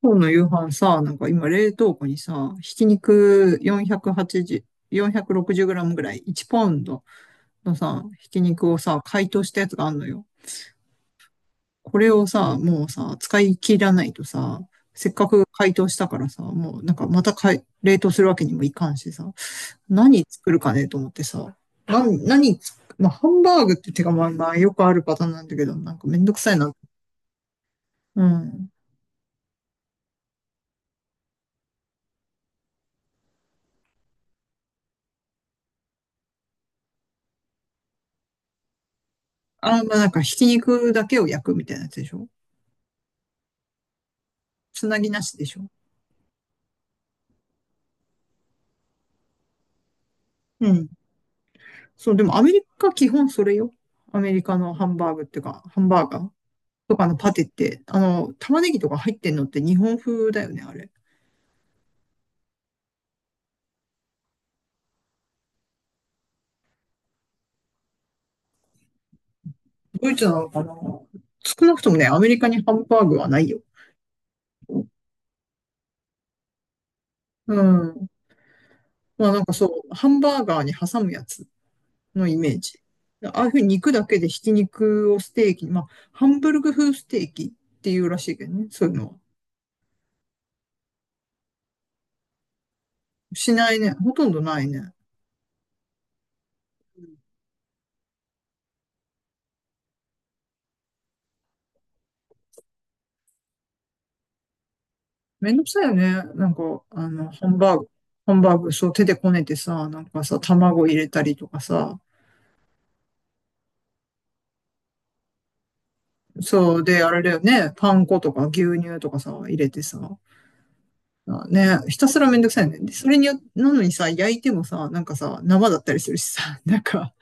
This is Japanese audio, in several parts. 今日の夕飯さ、なんか今冷凍庫にさ、ひき肉480、460グラムぐらい、1ポンドのさ、ひき肉をさ、解凍したやつがあるのよ。これをさ、もうさ、使い切らないとさ、せっかく解凍したからさ、もうなんかまたかい冷凍するわけにもいかんしさ、何作るかねと思ってさ、な、何つ、まあ、ハンバーグって手がまあまあよくあるパターンなんだけど、なんかめんどくさいな。うん。あー、まあなんかひき肉だけを焼くみたいなやつでしょ？つなぎなしでしょ？うん。そう、でもアメリカ基本それよ。アメリカのハンバーグっていうか、ハンバーガーとかのパテって、玉ねぎとか入ってんのって日本風だよね、あれ。ドイツなのかな。少なくともね、アメリカにハンバーグはないよ。うん。まあなんかそう、ハンバーガーに挟むやつのイメージ。ああいうふうに肉だけでひき肉をステーキに、まあ、ハンブルグ風ステーキっていうらしいけどね、そういうのは。しないね。ほとんどないね。めんどくさいよね。なんか、あの、ハンバーグ、そう、手でこねてさ、なんかさ、卵入れたりとかさ、そう、で、あれだよね、パン粉とか牛乳とかさ、入れてさ、まあね、ひたすらめんどくさいよね。で、それによ、なのにさ、焼いてもさ、なんかさ、生だったりするしさ、なんか、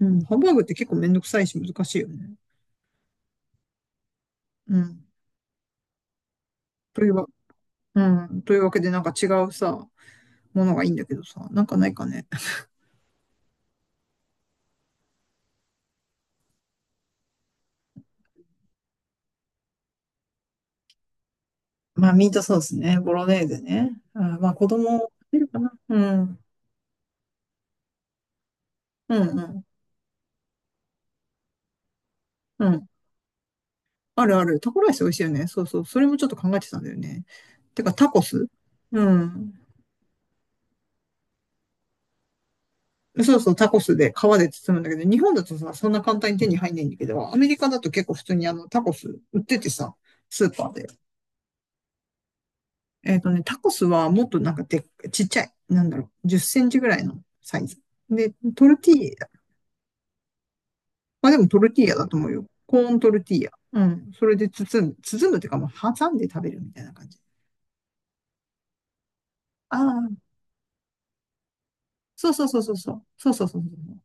うん、ハンバーグって結構めんどくさいし難しいよね。うん。というわ、うん、というわけで、なんか違うさ、ものがいいんだけどさ、なんかないかね。まあ、ミートソースね、ボロネーゼね。あ、まあ、子供、いるかな。うん。うんうん。うん。あるある。タコライス美味しいよね。そうそう。それもちょっと考えてたんだよね。てか、タコス。うん。そうそう、タコスで皮で包むんだけど、日本だとさ、そんな簡単に手に入んないんだけど、アメリカだと結構普通にタコス売っててさ、スーパーで。タコスはもっとなんかでっ、ちっちゃい。なんだろう、10センチぐらいのサイズ。で、トルティーヤ。まあでもトルティーヤだと思うよ。コーントルティーヤ。うん。それで包む、包むっていうか、まあ挟んで食べるみたいな感じ。ああ、そうそうそうそうそう。そうそうそうそう。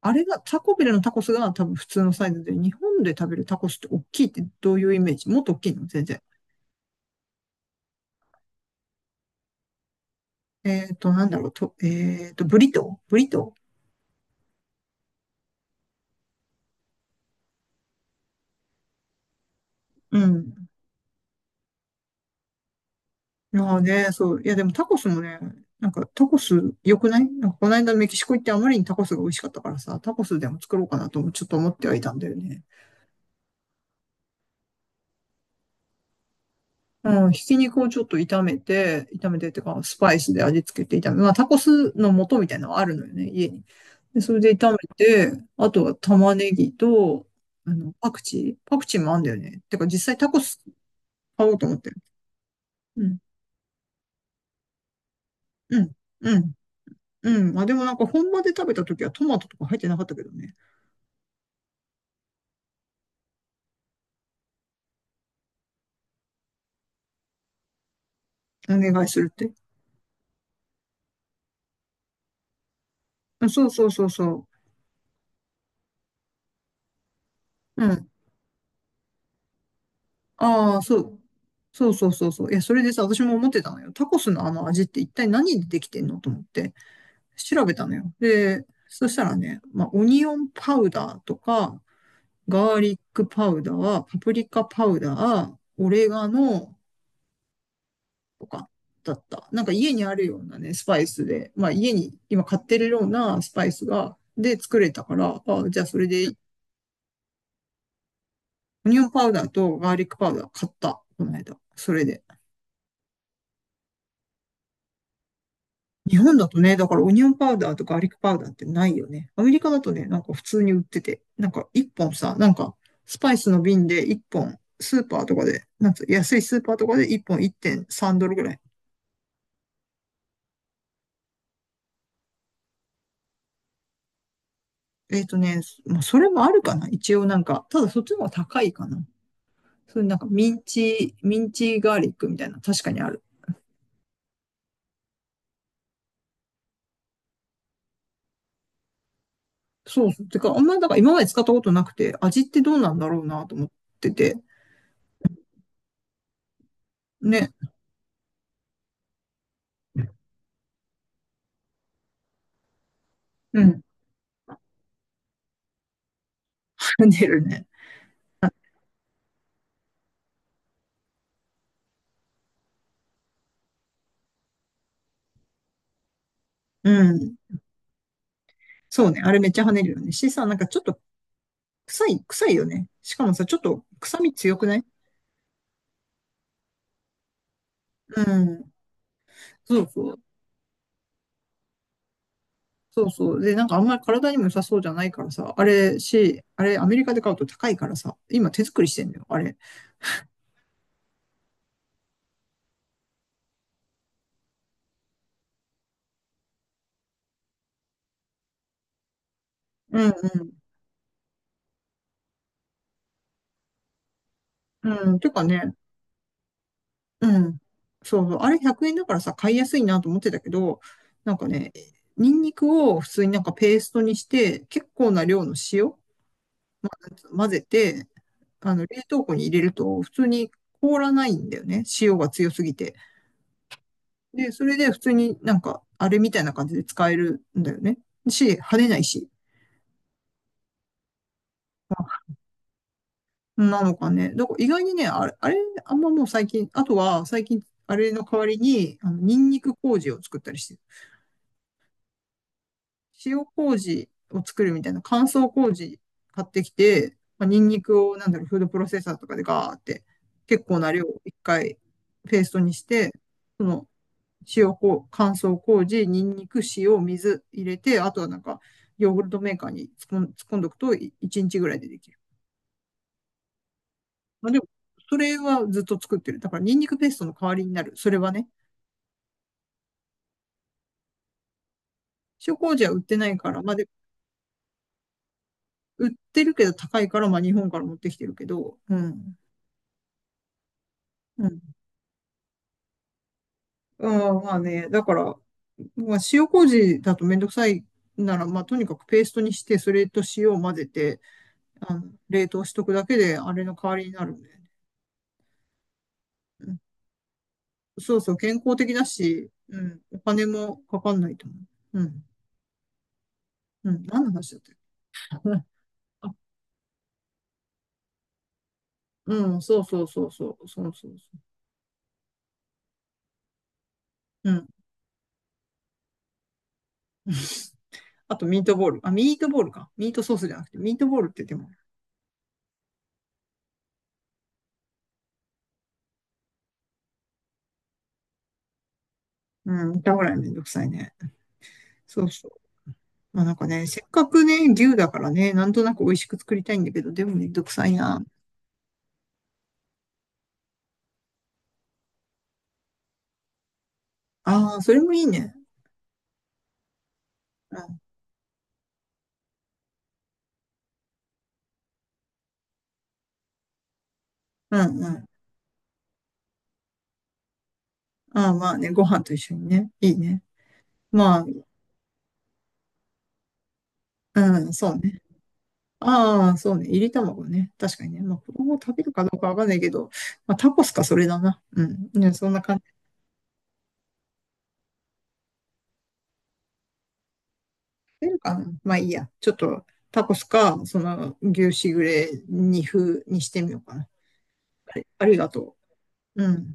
あれが、タコビルのタコスが多分普通のサイズで、日本で食べるタコスって大きいってどういうイメージ？もっと大きいの？全然。えっと、なんだろう、と、えっと、ブリトーブリトー。うん。まあね、そう。いや、でもタコスもね、なんかタコス良くない？なんかこの間メキシコ行ってあまりにタコスが美味しかったからさ、タコスでも作ろうかなともちょっと思ってはいたんだよね。うん、ひき肉をちょっと炒めて、炒めてっていうか、スパイスで味付けて炒め、まあ、タコスの素みたいなのはあるのよね、家に。で、それで炒めて、あとは玉ねぎと、あの、パクチーもあんだよね。てか、実際タコス買おうと思ってる。うん、うん、うん、うん。まあ、でもなんか本場で食べた時はトマトとか入ってなかったけどね。お願いするって。うん、そうそうそうそう。うん。ああ、そう。そうそうそうそう。いや、それでさ、私も思ってたのよ。タコスのあの味って一体何でできてんのと思って。調べたのよ。で、そしたらね、まあ、オニオンパウダーとか、ガーリックパウダー、パプリカパウダー、オレガノとかだった。なんか家にあるようなね、スパイスで、まあ家に今買ってるようなスパイスが、で作れたから、あ、じゃあそれで、オニオンパウダーとガーリックパウダー買った、この間。それで。日本だとね、だからオニオンパウダーとかガーリックパウダーってないよね。アメリカだとね、なんか普通に売ってて、なんか一本さ、なんかスパイスの瓶で一本、スーパーとかで、なんつう、安いスーパーとかで一本1.3ドルぐらい。えっとね、まあ、それもあるかな一応なんか、ただそっちの方が高いかな。それなんかミンチ、ミンチガーリックみたいな、確かにある。そうそう。てか、あんまりだから今まで使ったことなくて、味ってどうなんだろうなと思ってて。ね。うん。跳ねるね。うん。そうね。あれめっちゃ跳ねるよね。しさ、なんかちょっと臭い、臭いよね。しかもさ、ちょっと臭み強くない？うん。そうそう。そうそう。で、なんかあんまり体にも良さそうじゃないからさ、あれし、あれアメリカで買うと高いからさ、今手作りしてんだよ、あれ。うん。うん。うん。てかね、うん。そうそう。あれ100円だからさ、買いやすいなと思ってたけど、なんかね、ニンニクを普通になんかペーストにして、結構な量の塩混ぜて、冷凍庫に入れると、普通に凍らないんだよね。塩が強すぎて。で、それで普通になんか、あれみたいな感じで使えるんだよね。し、跳ねないし。なのかね。だから意外にね、あれ、あれ、あんまもう最近、あとは最近、あれの代わりに、ニンニク麹を作ったりしてる。塩麹を作るみたいな乾燥麹買ってきて、まあ、ニンニクを、なんだろう、フードプロセッサーとかでガーって、結構な量を一回ペーストにして、その塩こう、乾燥麹、ニンニク、塩、水入れて、あとはなんか、ヨーグルトメーカーに突っんどくと、1日ぐらいでできる。まあ、でも、それはずっと作ってる。だから、ニンニクペーストの代わりになる。それはね。塩麹は売ってないから、まあ、で、売ってるけど高いから、まあ、日本から持ってきてるけど、うん。うん。あまあね、だから、まあ、塩麹だとめんどくさいなら、まあ、とにかくペーストにして、それと塩を混ぜて、冷凍しとくだけで、あれの代わりになるんだよね。そうそう、健康的だし、うん、お金もかかんないと思う。うん、うん、何の話だったっけ？ あうん、そうそうそうそう、そうそうそう。うん。あと、ミートボール。あ、ミートボールか。ミートソースじゃなくて、ミートボールってでも、うん、だぐらいめんどくさいね。そうそう。まあなんかね、せっかくね、牛だからね、なんとなく美味しく作りたいんだけど、でもめんどくさいな。ああ、それもいいね。うん、うん、うん。ああ、まあね、ご飯と一緒にね。いいね。まあ、うん、そうね。ああ、そうね。入り卵ね。確かにね。まあ、子供食べるかどうかわかんないけど、まあ、タコスか、それだな。うん。ね、そんな感じ。出るかな。まあ、いいや。ちょっと、タコスか、その、牛しぐれ、二風にしてみようかな。ありがとう。うん。